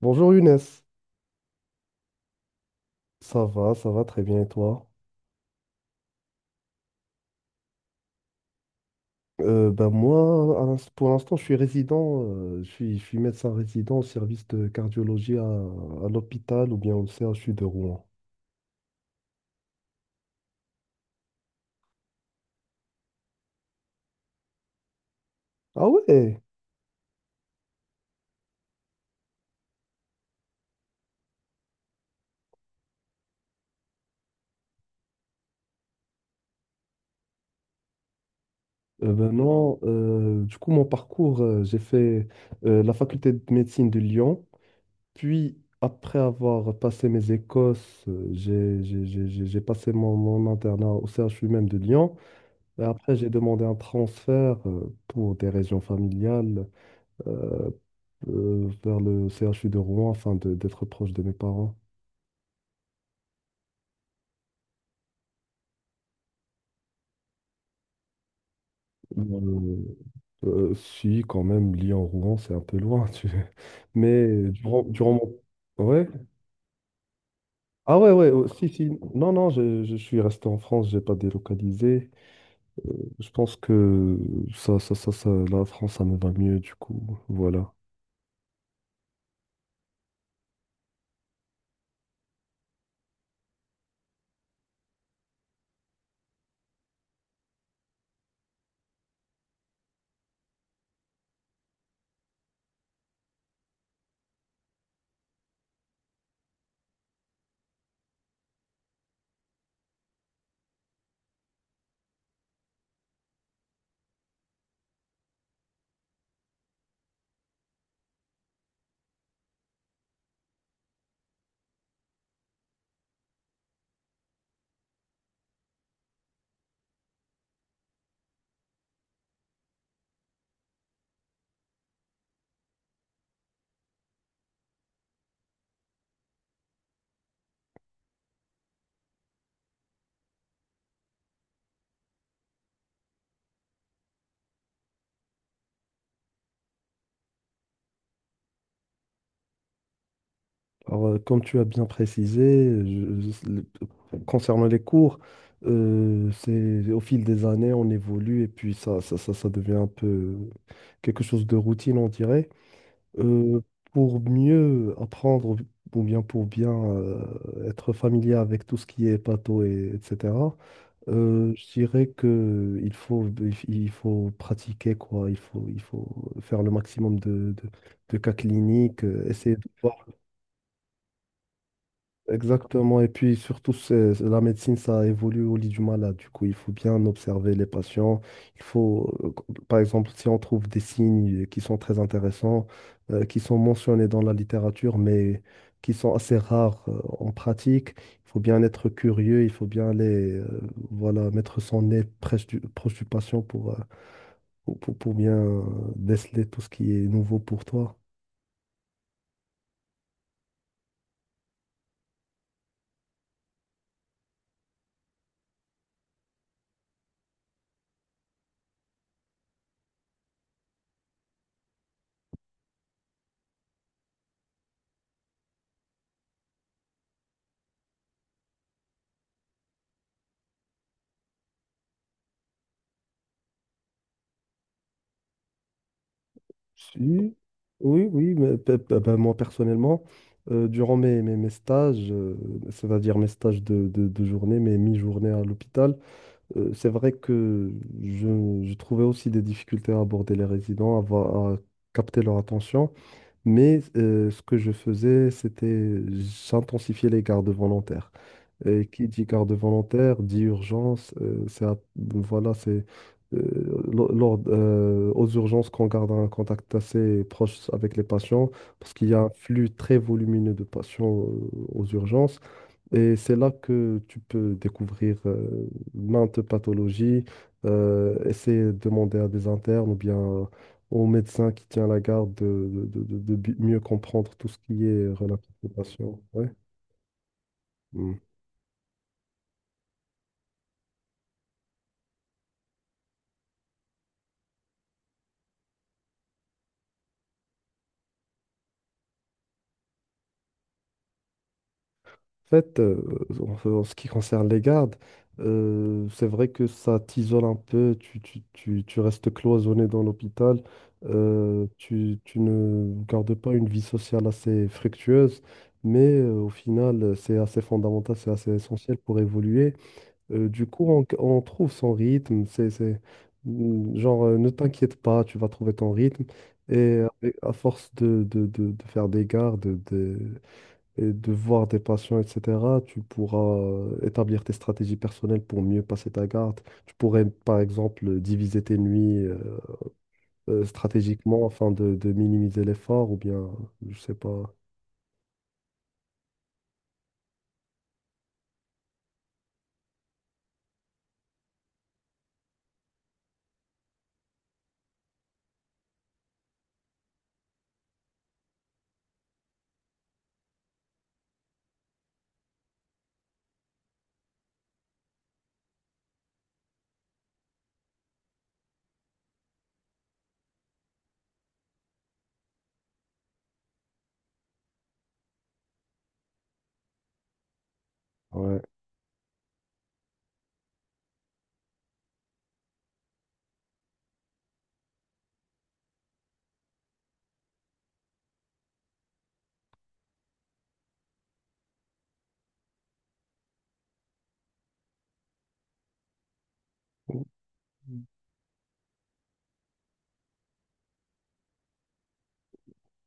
Bonjour Younes, ça va très bien et toi? Ben moi, pour l'instant, je suis résident, je suis médecin résident au service de cardiologie à l'hôpital ou bien au CHU de Rouen. Ah ouais? Ben non, du coup, mon parcours, j'ai fait la faculté de médecine de Lyon, puis après avoir passé mes écosses, j'ai passé mon internat au CHU même de Lyon. Et après, j'ai demandé un transfert pour des raisons familiales euh, vers le CHU de Rouen d'être proche de mes parents. Euh, Si, quand même, Lyon-Rouen, c'est un peu loin. Mais durant, durant Ouais. Ah ouais, ouais, oh, si, si. Non, non, je suis resté en France, j'ai pas délocalisé. Euh, Je pense que la France, ça me va mieux, du coup. Voilà. Alors, comme tu as bien précisé, concernant les cours, c'est au fil des années, on évolue et puis ça devient un peu quelque chose de routine, on dirait. Euh, pour mieux apprendre ou bien pour bien être familier avec tout ce qui est pato et etc. Je dirais que il faut pratiquer quoi, il faut faire le maximum de cas cliniques, essayer de voir. Exactement. Et puis surtout, la médecine, ça évolue au lit du malade. Du coup, il faut bien observer les patients. Il faut, par exemple, si on trouve des signes qui sont très intéressants, qui sont mentionnés dans la littérature, mais qui sont assez rares, en pratique, il faut bien être curieux, il faut bien aller, voilà, mettre son nez proche du patient pour bien déceler tout ce qui est nouveau pour toi. Si. Oui, oui, mais ben, moi personnellement, durant mes stages, c'est-à-dire mes stages de journée, mes mi-journées à l'hôpital, c'est vrai que je trouvais aussi des difficultés à aborder les résidents, à capter leur attention, mais ce que je faisais, c'était j'intensifiais les gardes volontaires. Et qui dit garde volontaire dit urgence. Voilà, euh, lors, aux urgences qu'on garde un contact assez proche avec les patients parce qu'il y a un flux très volumineux de patients aux urgences. Et c'est là que tu peux découvrir maintes pathologies, essayer de demander à des internes ou bien au médecin qui tient la garde mieux comprendre tout ce qui est relatif aux patients. Ouais. En fait, en ce qui concerne les gardes, c'est vrai que ça t'isole un peu, tu restes cloisonné dans l'hôpital, tu ne gardes pas une vie sociale assez fructueuse, mais au final, c'est assez fondamental, c'est assez essentiel pour évoluer. Du coup, on trouve son rythme. Genre, ne t'inquiète pas, tu vas trouver ton rythme. Et à force de faire des gardes, de et de voir des patients, etc., tu pourras établir tes stratégies personnelles pour mieux passer ta garde. Tu pourrais, par exemple, diviser tes nuits stratégiquement afin de minimiser l'effort ou bien, je sais pas. Ouais.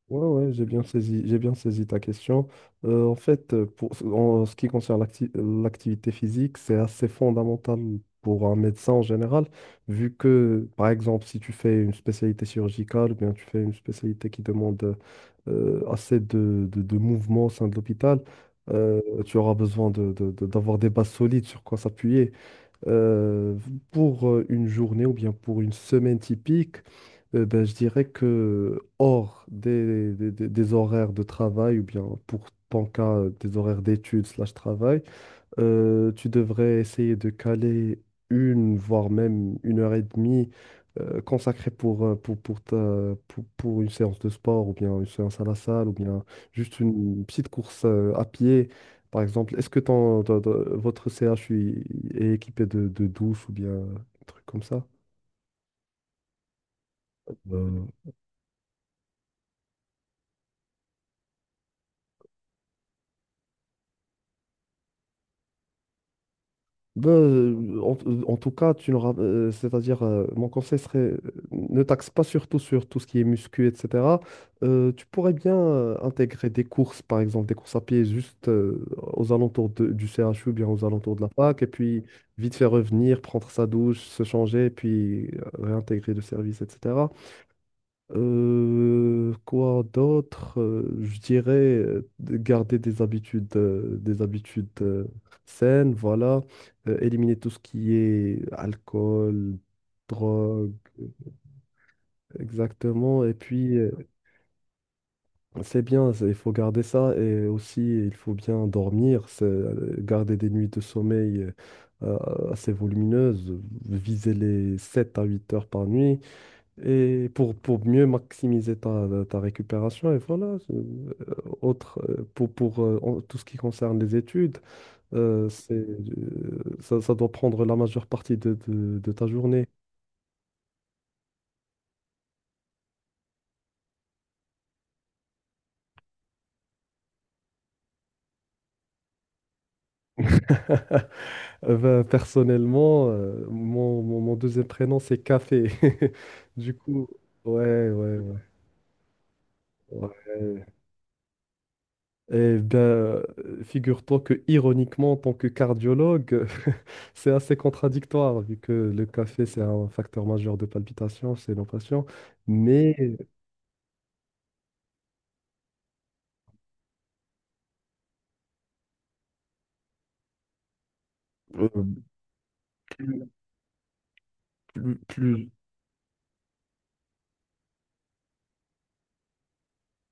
Ouais, ouais, j'ai bien saisi ta question. En fait, en ce qui concerne l'activité physique, c'est assez fondamental pour un médecin en général, vu que, par exemple, si tu fais une spécialité chirurgicale, ou bien tu fais une spécialité qui demande assez de mouvements au sein de l'hôpital, tu auras besoin d'avoir des bases solides sur quoi s'appuyer. Euh, pour une journée ou bien pour une semaine typique, ben, je dirais que hors des horaires de travail ou bien pour ton cas, des horaires d'études slash travail, tu devrais essayer de caler une, voire même 1 h 30 consacrée pour une séance de sport ou bien une séance à la salle ou bien juste une petite course à pied. Par exemple, est-ce que votre CHU est équipé de douche ou bien un truc comme ça? Ben, en tout cas, c'est-à-dire, mon conseil serait, ne taxe pas surtout sur tout ce qui est muscu, etc. Tu pourrais bien intégrer des courses, par exemple, des courses à pied juste aux alentours du CHU ou bien aux alentours de la fac, et puis vite faire revenir, prendre sa douche, se changer, et puis réintégrer le service, etc. Quoi d'autre? Je dirais de garder des habitudes saines, voilà. Éliminer tout ce qui est alcool, drogue. Exactement. Et puis, c'est bien, il faut garder ça. Et aussi, il faut bien dormir, garder des nuits de sommeil euh, assez volumineuses, viser les 7 à 8 heures par nuit. Et pour mieux maximiser ta récupération, et voilà, c'est- autre, pour en- tout ce qui concerne les études, ça doit prendre la majeure partie de ta journée. Ben, personnellement, mon deuxième prénom, c'est Café. Du coup, ouais, ouais, ouais. Ouais. Eh bien, figure-toi que ironiquement, en tant que cardiologue, c'est assez contradictoire, vu que le café, c'est un facteur majeur de palpitation, c'est l'opation. Mais euh, plus, plus- plus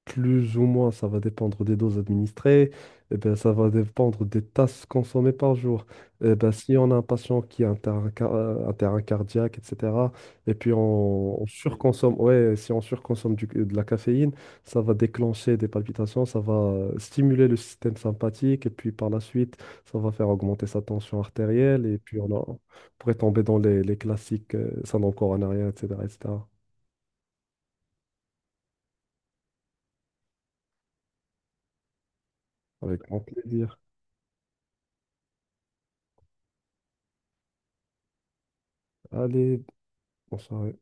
Plus ou moins, ça va dépendre des doses administrées, et ben, ça va dépendre des tasses consommées par jour. Et ben, si on a un patient qui a un terrain cardiaque, etc., et puis on surconsomme, ouais, si on surconsomme de la caféine, ça va déclencher des palpitations, ça va stimuler le système sympathique, et puis par la suite, ça va faire augmenter sa tension artérielle, et puis on pourrait tomber dans les classiques syndrome coronarien, etc., etc. Avec grand plaisir. Allez, bonsoir.